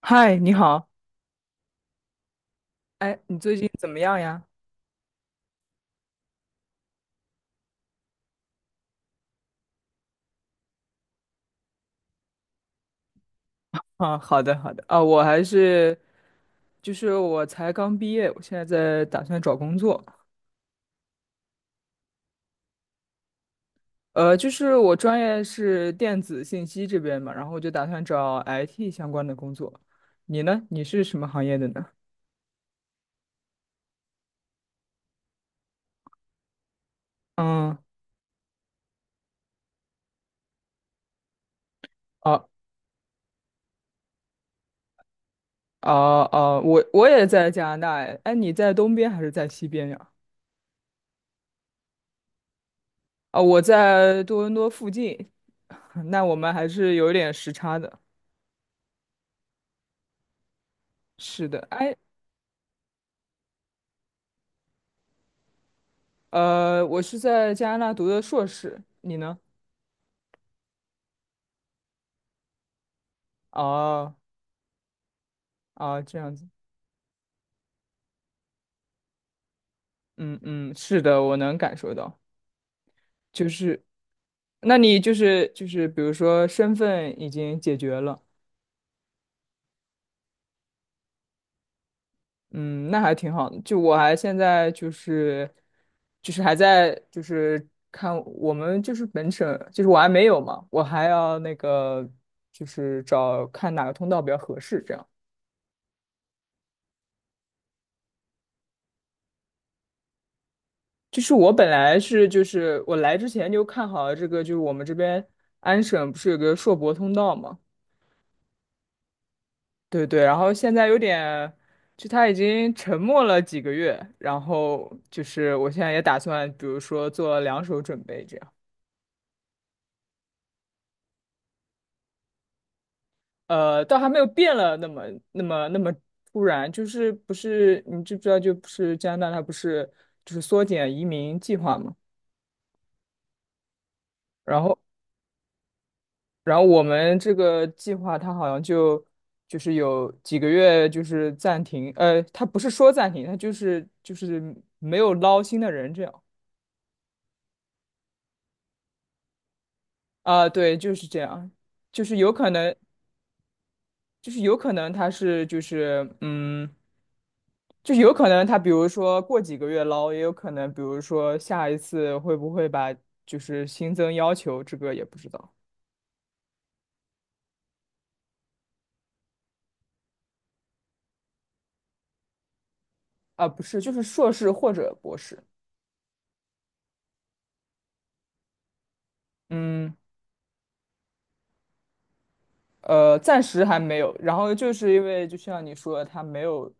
嗨，你好。哎，你最近怎么样呀？啊，好的，好的。啊，我还是，就是我才刚毕业，我现在在打算找工作。就是我专业是电子信息这边嘛，然后我就打算找 IT 相关的工作。你呢？你是什么行业的呢？嗯，哦哦哦，我也在加拿大。哎，哎你在东边还是在西边呀？啊，我在多伦多附近。那我们还是有点时差的。是的，哎。我是在加拿大读的硕士，你呢？哦哦，这样子。嗯嗯，是的，我能感受到。就是，那你就是，比如说身份已经解决了。嗯，那还挺好的。就我还现在就是，还在就是看我们就是本省，就是我还没有嘛，我还要那个就是找看哪个通道比较合适，这样。就是我本来是就是我来之前就看好了这个，就是我们这边安省不是有个硕博通道嘛？对对，然后现在有点，就他已经沉默了几个月，然后就是我现在也打算，比如说做两手准备这样。倒还没有变了那么突然，就是不是你知不知道，就不是加拿大它不是就是缩减移民计划嘛？然后然后我们这个计划，它好像就是有几个月就是暂停。它不是说暂停，它就是没有捞新的人这样。啊，对，就是这样。就是有可能，就是有可能他是就是就是有可能他比如说过几个月捞，也有可能比如说下一次会不会把就是新增要求，这个也不知道。啊，不是，就是硕士或者博士。嗯。暂时还没有。然后就是因为就像你说的，他没有，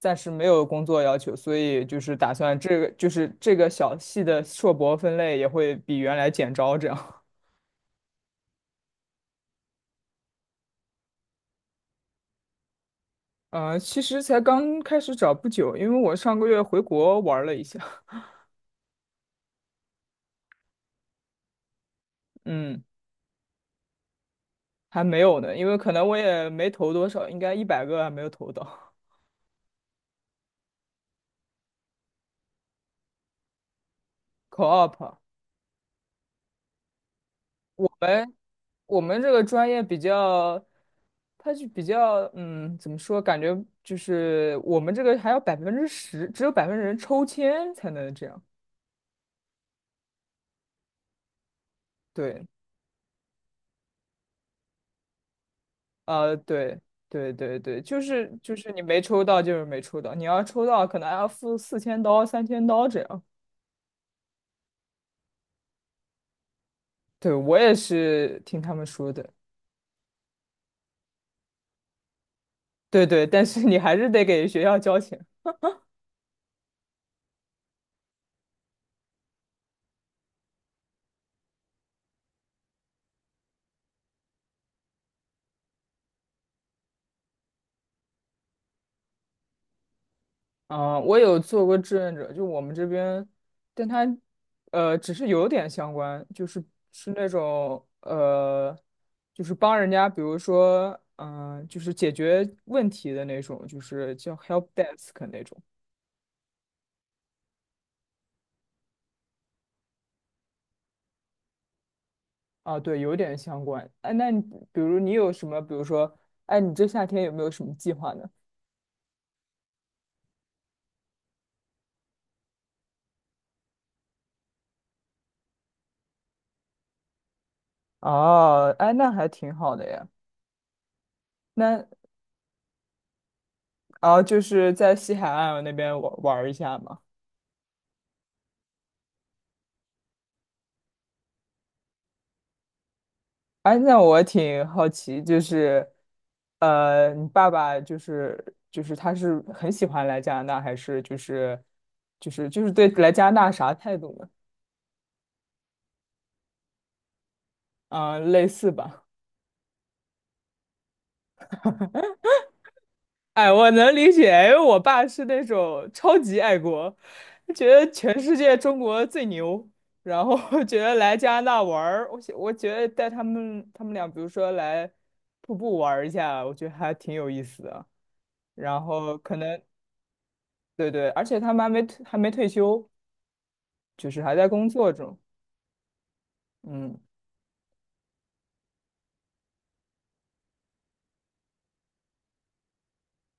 暂时没有工作要求，所以就是打算这个就是这个小系的硕博分类也会比原来减招这样。其实才刚开始找不久，因为我上个月回国玩了一下。嗯，还没有呢，因为可能我也没投多少，应该100个还没有投到。Co-op。我们我们这个专业比较，它就比较，怎么说？感觉就是我们这个还要10%，只有百分之人抽签才能这样。对。对，对对对，就是你没抽到就是没抽到，你要抽到可能还要付4000刀、3000刀这样。对，我也是听他们说的。对对，但是你还是得给学校交钱。啊，我有做过志愿者，就我们这边，但他只是有点相关，就是是那种就是帮人家，比如说，就是解决问题的那种，就是叫 help desk 那种。啊，对，有点相关。哎，比如你有什么，比如说，哎，你这夏天有没有什么计划呢？哦，哎，那还挺好的呀。那啊，就是在西海岸那边玩玩一下嘛。哎，那我挺好奇，就是，你爸爸就是他是很喜欢来加拿大，还是就是对来加拿大啥态度呢？嗯，类似吧。哎，我能理解，因为我爸是那种超级爱国，觉得全世界中国最牛，然后 觉得来加拿大玩儿，我觉得带他们俩，比如说来瀑布玩儿一下，我觉得还挺有意思的。然后可能对对，而且他们还没退休，就是还在工作中。嗯，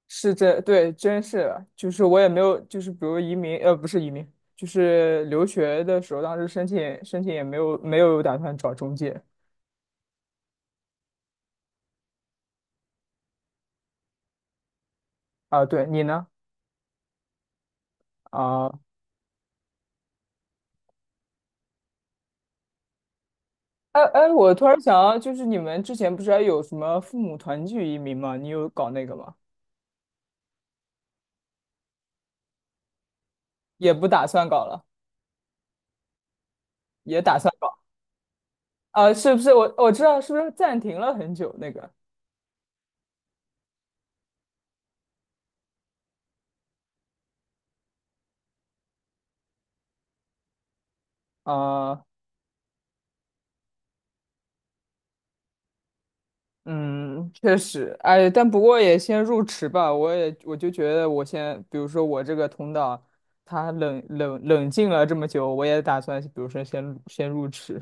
是这，对，真是的就是我也没有，就是比如移民，不是移民，就是留学的时候，当时申请也没有打算找中介啊。对你呢？啊，哎哎，我突然想到，就是你们之前不是还有什么父母团聚移民吗？你有搞那个吗？也不打算搞了，也打算搞啊？是不是？我知道，是不是暂停了很久那个啊？嗯，确实。哎，但不过也先入池吧。我就觉得，我先，比如说我这个同党，他冷静了这么久，我也打算，比如说先入池。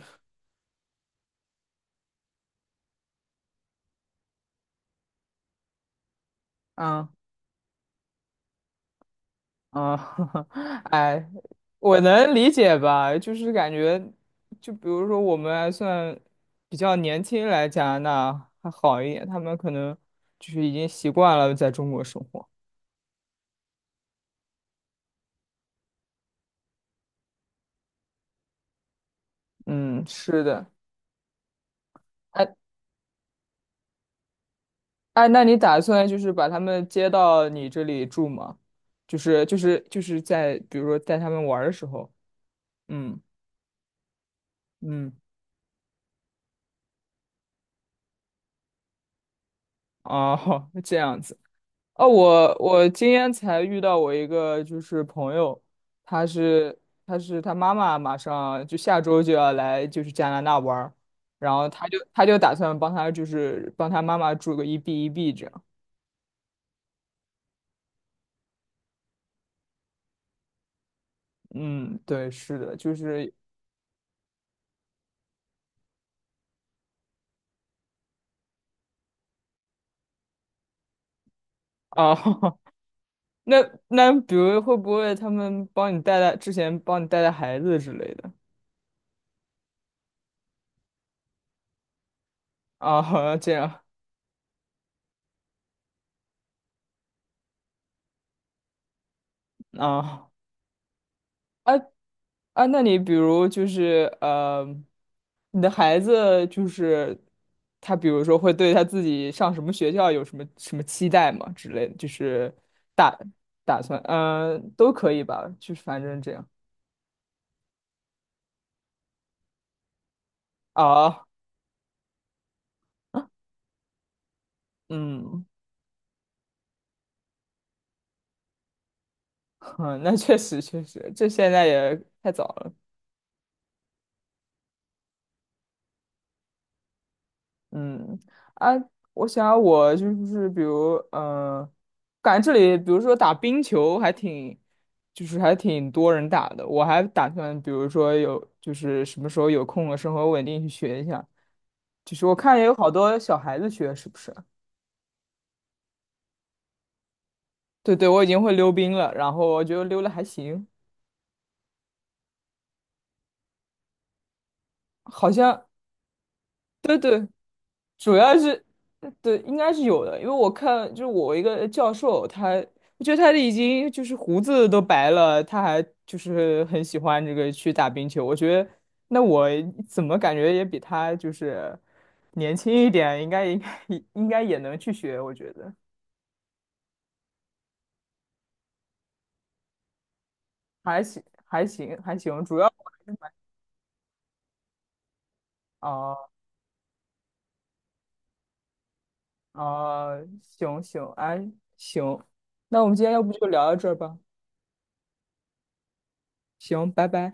嗯嗯。哎，我能理解吧？就是感觉，就比如说我们还算比较年轻来加拿大还好一点，他们可能就是已经习惯了在中国生活。嗯，是的。哎。哎，那你打算就是把他们接到你这里住吗？就是在比如说带他们玩儿的时候，嗯嗯，哦，这样子。哦，我今天才遇到我一个就是朋友，他是他妈妈马上就下周就要来就是加拿大玩儿，然后他就打算帮他妈妈住个一 B 一 B 这样。嗯，对，是的，就是啊。那那比如会不会他们帮你带带之前帮你带带孩子之类的啊？好像这样啊啊啊！那你比如就是你的孩子就是他，比如说会对他自己上什么学校有什么什么期待吗？之类的，就是打打算都可以吧，就是反正这样啊嗯，哼那确实确实，这现在也太早了。嗯啊，我想我就是比如，感觉这里比如说打冰球还挺，就是还挺多人打的。我还打算，比如说有就是什么时候有空了，生活稳定去学一下。就是我看也有好多小孩子学，是不是？对对，我已经会溜冰了，然后我觉得溜了还行，好像对对，主要是对，应该是有的，因为我看就是我一个教授，我觉得他已经就是胡子都白了，他还就是很喜欢这个去打冰球。我觉得那我怎么感觉也比他就是年轻一点，应该也能去学，我觉得还行还行还行，主要哦哦行行哎行，那我们今天要不就聊到这儿吧，行，拜拜。